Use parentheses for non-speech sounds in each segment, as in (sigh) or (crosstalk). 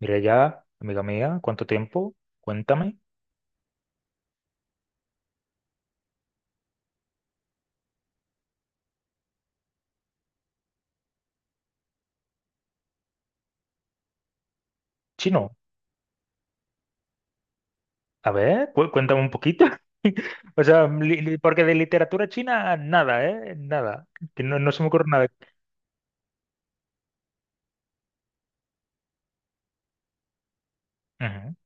Mira ya, amiga mía, ¿cuánto tiempo? Cuéntame. Chino, a ver, cuéntame un poquito. (laughs) O sea, porque de literatura china, nada, ¿eh? Nada. Que no, no se me ocurre nada. Ujú.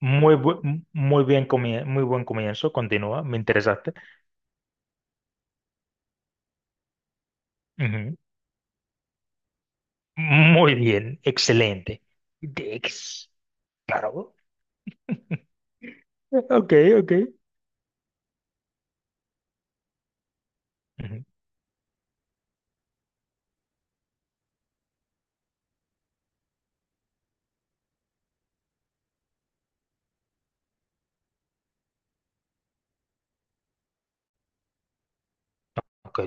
Muy, muy bien muy buen comienzo, continúa, me interesaste. Ujú. Muy bien, excelente. De- ex- claro. (laughs) Ok, ok. Ujú. Ok.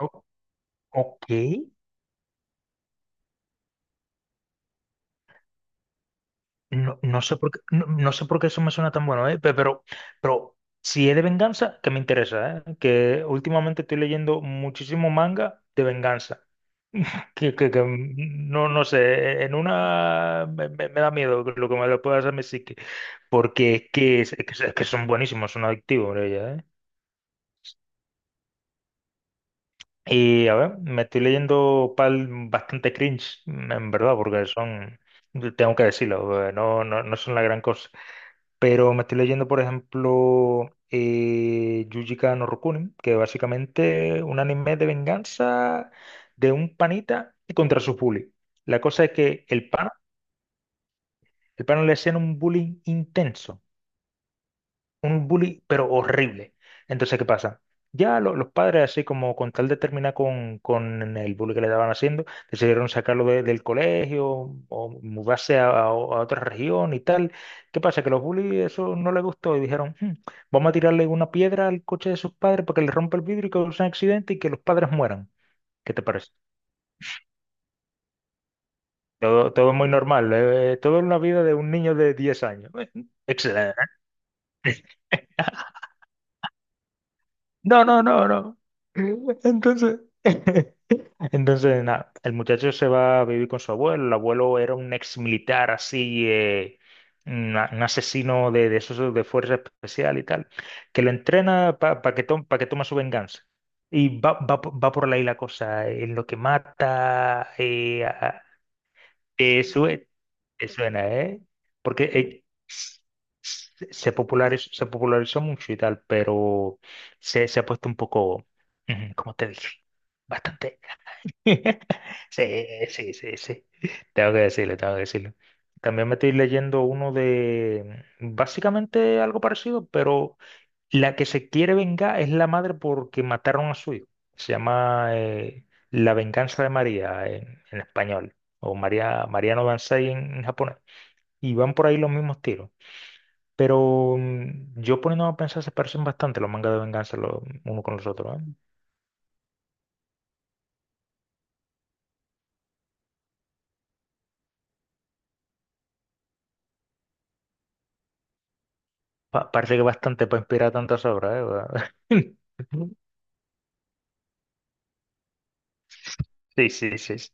O- ok. No, no sé por qué, no, no sé por qué eso me suena tan bueno, ¿eh? Pero si es de venganza, que me interesa, ¿eh? Que últimamente estoy leyendo muchísimo manga de venganza. No, no sé, en una me da miedo lo que me lo pueda hacer mi psique. Porque es que son buenísimos, son adictivos, ella, ¿eh? Y a ver, me estoy leyendo pal bastante cringe, en verdad, porque son, tengo que decirlo, no, no, no son la gran cosa. Pero me estoy leyendo, por ejemplo, Yuji Ka no Rokunin, que básicamente es un anime de venganza de un panita contra su bully. La cosa es que el pana le hacían un bullying intenso un bully, pero horrible. Entonces, ¿qué pasa? Ya los padres, así como con tal de terminar con el bullying que le estaban haciendo, decidieron sacarlo del colegio o mudarse a otra región y tal. ¿Qué pasa? Que los bullies eso no les gustó y dijeron, "Hmm, vamos a tirarle una piedra al coche de sus padres para que le rompa el vidrio y cause un accidente y que los padres mueran." ¿Qué te parece? Todo, todo muy normal, todo en la vida de un niño de 10 años. (laughs) Excelente. No, no, no, no. (laughs) Entonces, (laughs) entonces, nada, el muchacho se va a vivir con su abuelo. El abuelo era un ex militar así, un asesino de esos de fuerza especial y tal, que lo entrena para que, tome pa que toma su venganza. Y va por ahí la cosa, en lo que mata, te sue- te suena, ¿eh? Porque se popularizó, mucho y tal, pero se ha puesto un poco, ujú, como te dije, bastante. (laughs) Sí, sí, sí, sí. Tengo que decirlo, tengo que decirlo. También me estoy leyendo uno de básicamente algo parecido, pero la que se quiere vengar es la madre porque mataron a su hijo. Se llama La venganza de María en español, o María, Mariano Dansei en japonés. Y van por ahí los mismos tiros. Pero yo poniéndome a pensar, se parecen bastante los mangas de venganza uno con los otros, ¿eh? Parece que bastante para inspirar tantas obras, ¿eh? (laughs) Sí, sí, sí. Sí.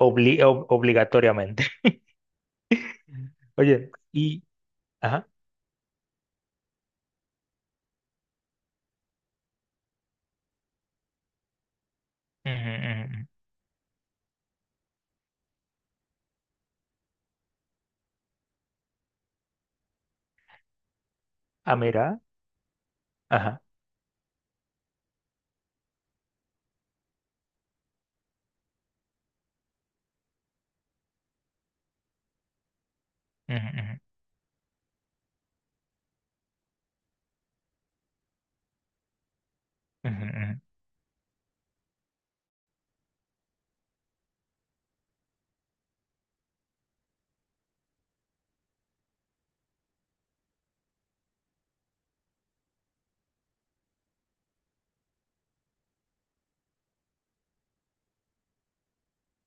Obligatoriamente. (laughs) Oye, y... Ajá. Ujú, ujú, ujú. Ah, mira. Ajá. Ujú, ujú, ujú, ujú.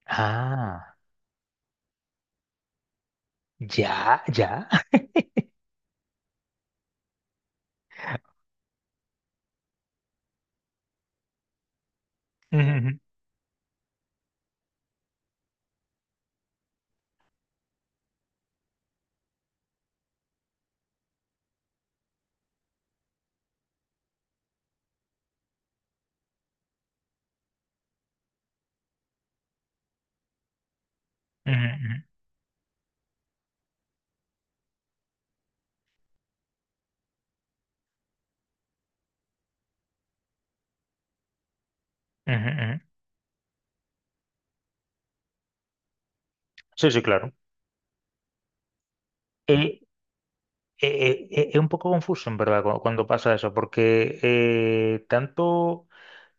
Ah, ya, ya. (laughs) Ujú, ujú, ujú, ujú, ujú. Ujú. Sí, sí, claro. Eh, es un poco confuso, en verdad, cuando pasa eso, porque tanto.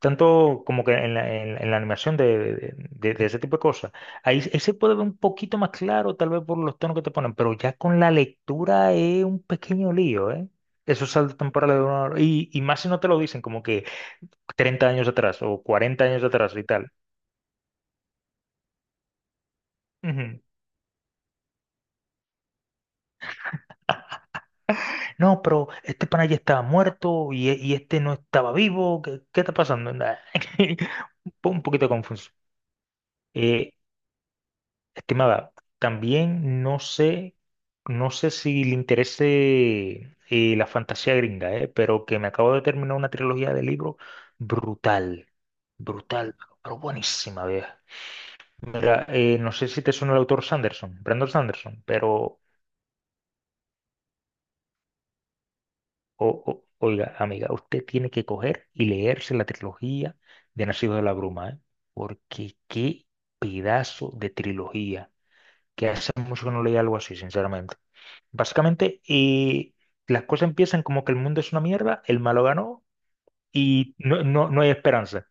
Tanto como que en la, en la animación de ese tipo de cosas. Ahí se puede ver un poquito más claro, tal vez por los tonos que te ponen, pero ya con la lectura es un pequeño lío, ¿eh? Esos saltos temporales de una hora. Y más si no te lo dicen, como que 30 años atrás o 40 años atrás y tal. Ujú. No, pero este pana ya estaba muerto y este no estaba vivo. ¿Qué está pasando? Nah. (laughs) Un poquito confuso. Eh, Estimada, también no sé si le interese la fantasía gringa, pero que me acabo de terminar una trilogía de libros brutal, brutal, pero buenísima, vieja. Mira, no sé si te suena el autor Sanderson, Brandon Sanderson, pero. Oiga, amiga, usted tiene que coger y leerse la trilogía de Nacido de la Bruma, porque qué pedazo de trilogía, que hace mucho que no leía algo así, sinceramente. Básicamente, y las cosas empiezan como que el mundo es una mierda, el malo ganó y no, no, no hay esperanza.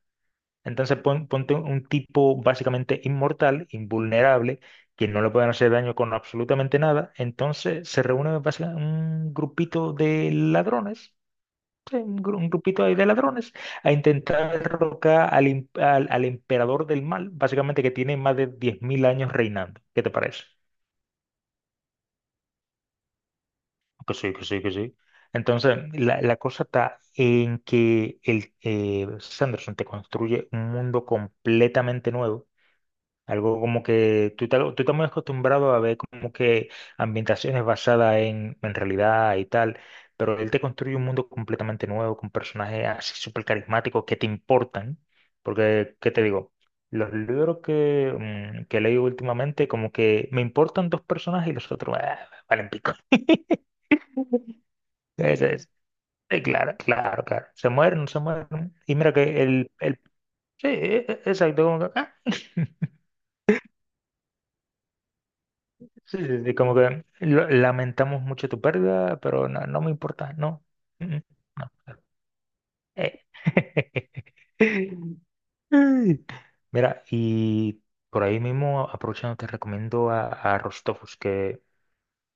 Entonces ponte un tipo básicamente inmortal, invulnerable, que no le pueden hacer daño con absolutamente nada. Entonces se reúne básicamente un grupito de ladrones, sí, un grupito ahí de ladrones, a intentar derrocar al emperador del mal, básicamente que tiene más de 10.000 años reinando. ¿Qué te parece? Que sí, que sí, que sí. Entonces, la cosa está en que Sanderson te construye un mundo completamente nuevo. Algo como que tú estás muy acostumbrado a ver como que ambientaciones basadas en realidad y tal, pero él te construye un mundo completamente nuevo con personajes así súper carismáticos que te importan. Porque, ¿qué te digo? Los libros que he leído últimamente, como que me importan dos personajes y los otros, ah, valen pico. (laughs) Claro, claro, claro. Se mueren, se mueren. Y mira que el sí, exacto, como que, ah. (laughs) Sí, sí, sí, como que lamentamos mucho tu pérdida, pero no, no me importa, no. Mm, mm, no. Eh. (laughs) Ay. Mira, y por ahí mismo, aprovechando, te recomiendo a Rostopus, que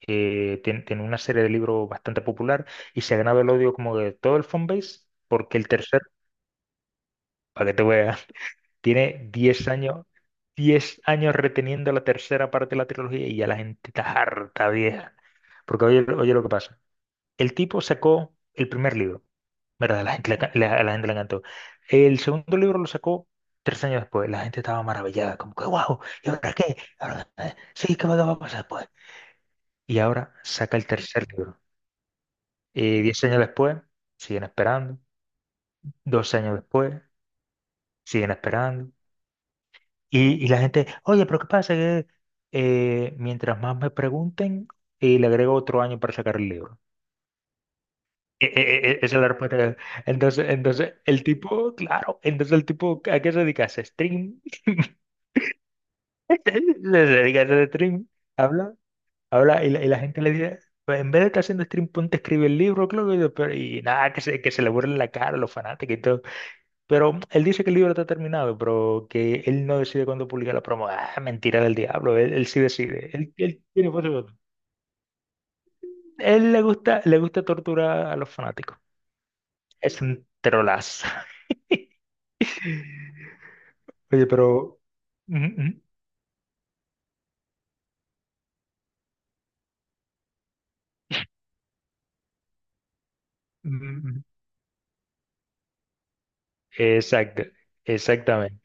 tiene, una serie de libros bastante popular y se ha ganado el odio como de todo el fanbase, porque el tercer, para que te veas. Tiene 10 años, 10 años reteniendo la tercera parte de la trilogía y ya la gente está harta, vieja. Porque oye, oye lo que pasa. El tipo sacó el primer libro, ¿verdad? A La gente le ca- la- a la gente le encantó. El segundo libro lo sacó 3 años después. La gente estaba maravillada, como que, wow, ¿y ahora qué? ¿Ahora, sí, qué va a pasar después? Y ahora saca el tercer libro. 10 años después, siguen esperando. 2 años después, siguen esperando. Y la gente, oye, pero ¿qué pasa? Que mientras más me pregunten, y le agrego otro año para sacar el libro. Esa es la respuesta. Entonces, el tipo, claro, entonces el tipo, ¿a qué se dedica? ¿Se stream? (laughs) Se dedica a hacer stream, habla, habla, y la gente le dice, pues en vez de estar haciendo stream, ponte a escribir el libro, creo que, y nada, que se le burlen la cara a los fanáticos. Pero él dice que el libro está terminado, pero que él no decide cuándo publicar la promo. Ah, mentira del diablo, él sí decide. Él tiene voz y voto. Él le gusta torturar a los fanáticos. Es un trolazo. (laughs) Oye, pero... Ujú, ujú, ujú, ujú. Exacto, exactamente.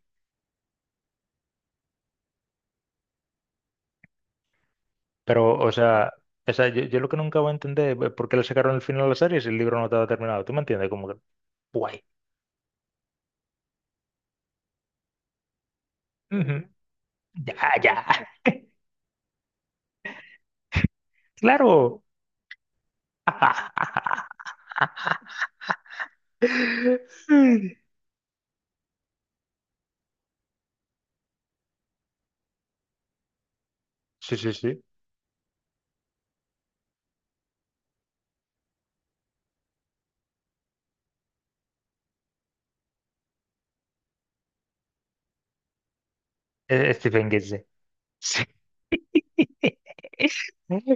Pero, o sea, yo lo que nunca voy a entender es por qué le sacaron el final a la serie si el libro no estaba terminado. ¿Tú me entiendes? Como que, guay. Ujú. Ya, ya. Claro. (laughs) Sí, sí, sí. Stephen King, sí. Sí. (laughs)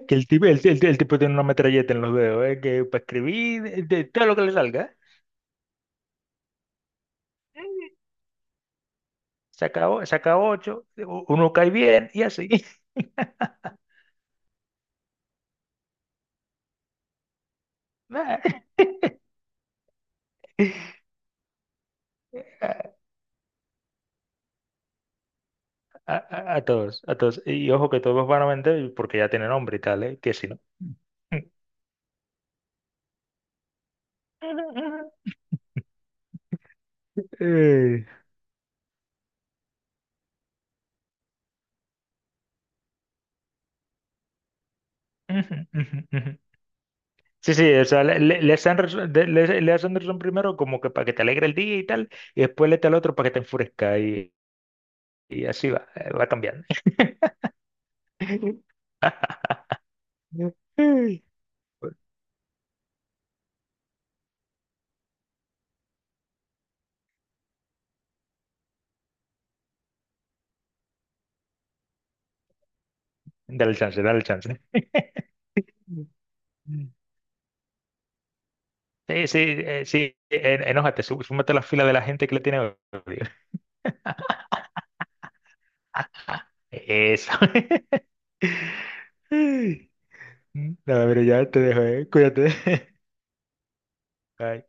Que el tipo, el tipo tiene una metralleta en los dedos, que para escribir de todo lo que le salga. Eh, saca ocho, uno cae bien y así. (laughs) Nah, A todos. Y ojo que todos van a vender porque ya tienen nombre y tal, que si no. (laughs) Eh, Ujú, ujú, ujú. Sí, sí, o sea, Lance Anderson, Lance Anderson primero como que para que te alegre el día y tal, y después le lete al otro para que te enfurezca y así va, va cambiando. (laughs) Ay, dale chance, dale chance. Mm. Sí, sí, sí, enójate, súmate a la fila de la gente que le tiene odio. Eso. (laughs) Ay. Nada, pero ya te dejo, eh. Cuídate. (laughs) Bye.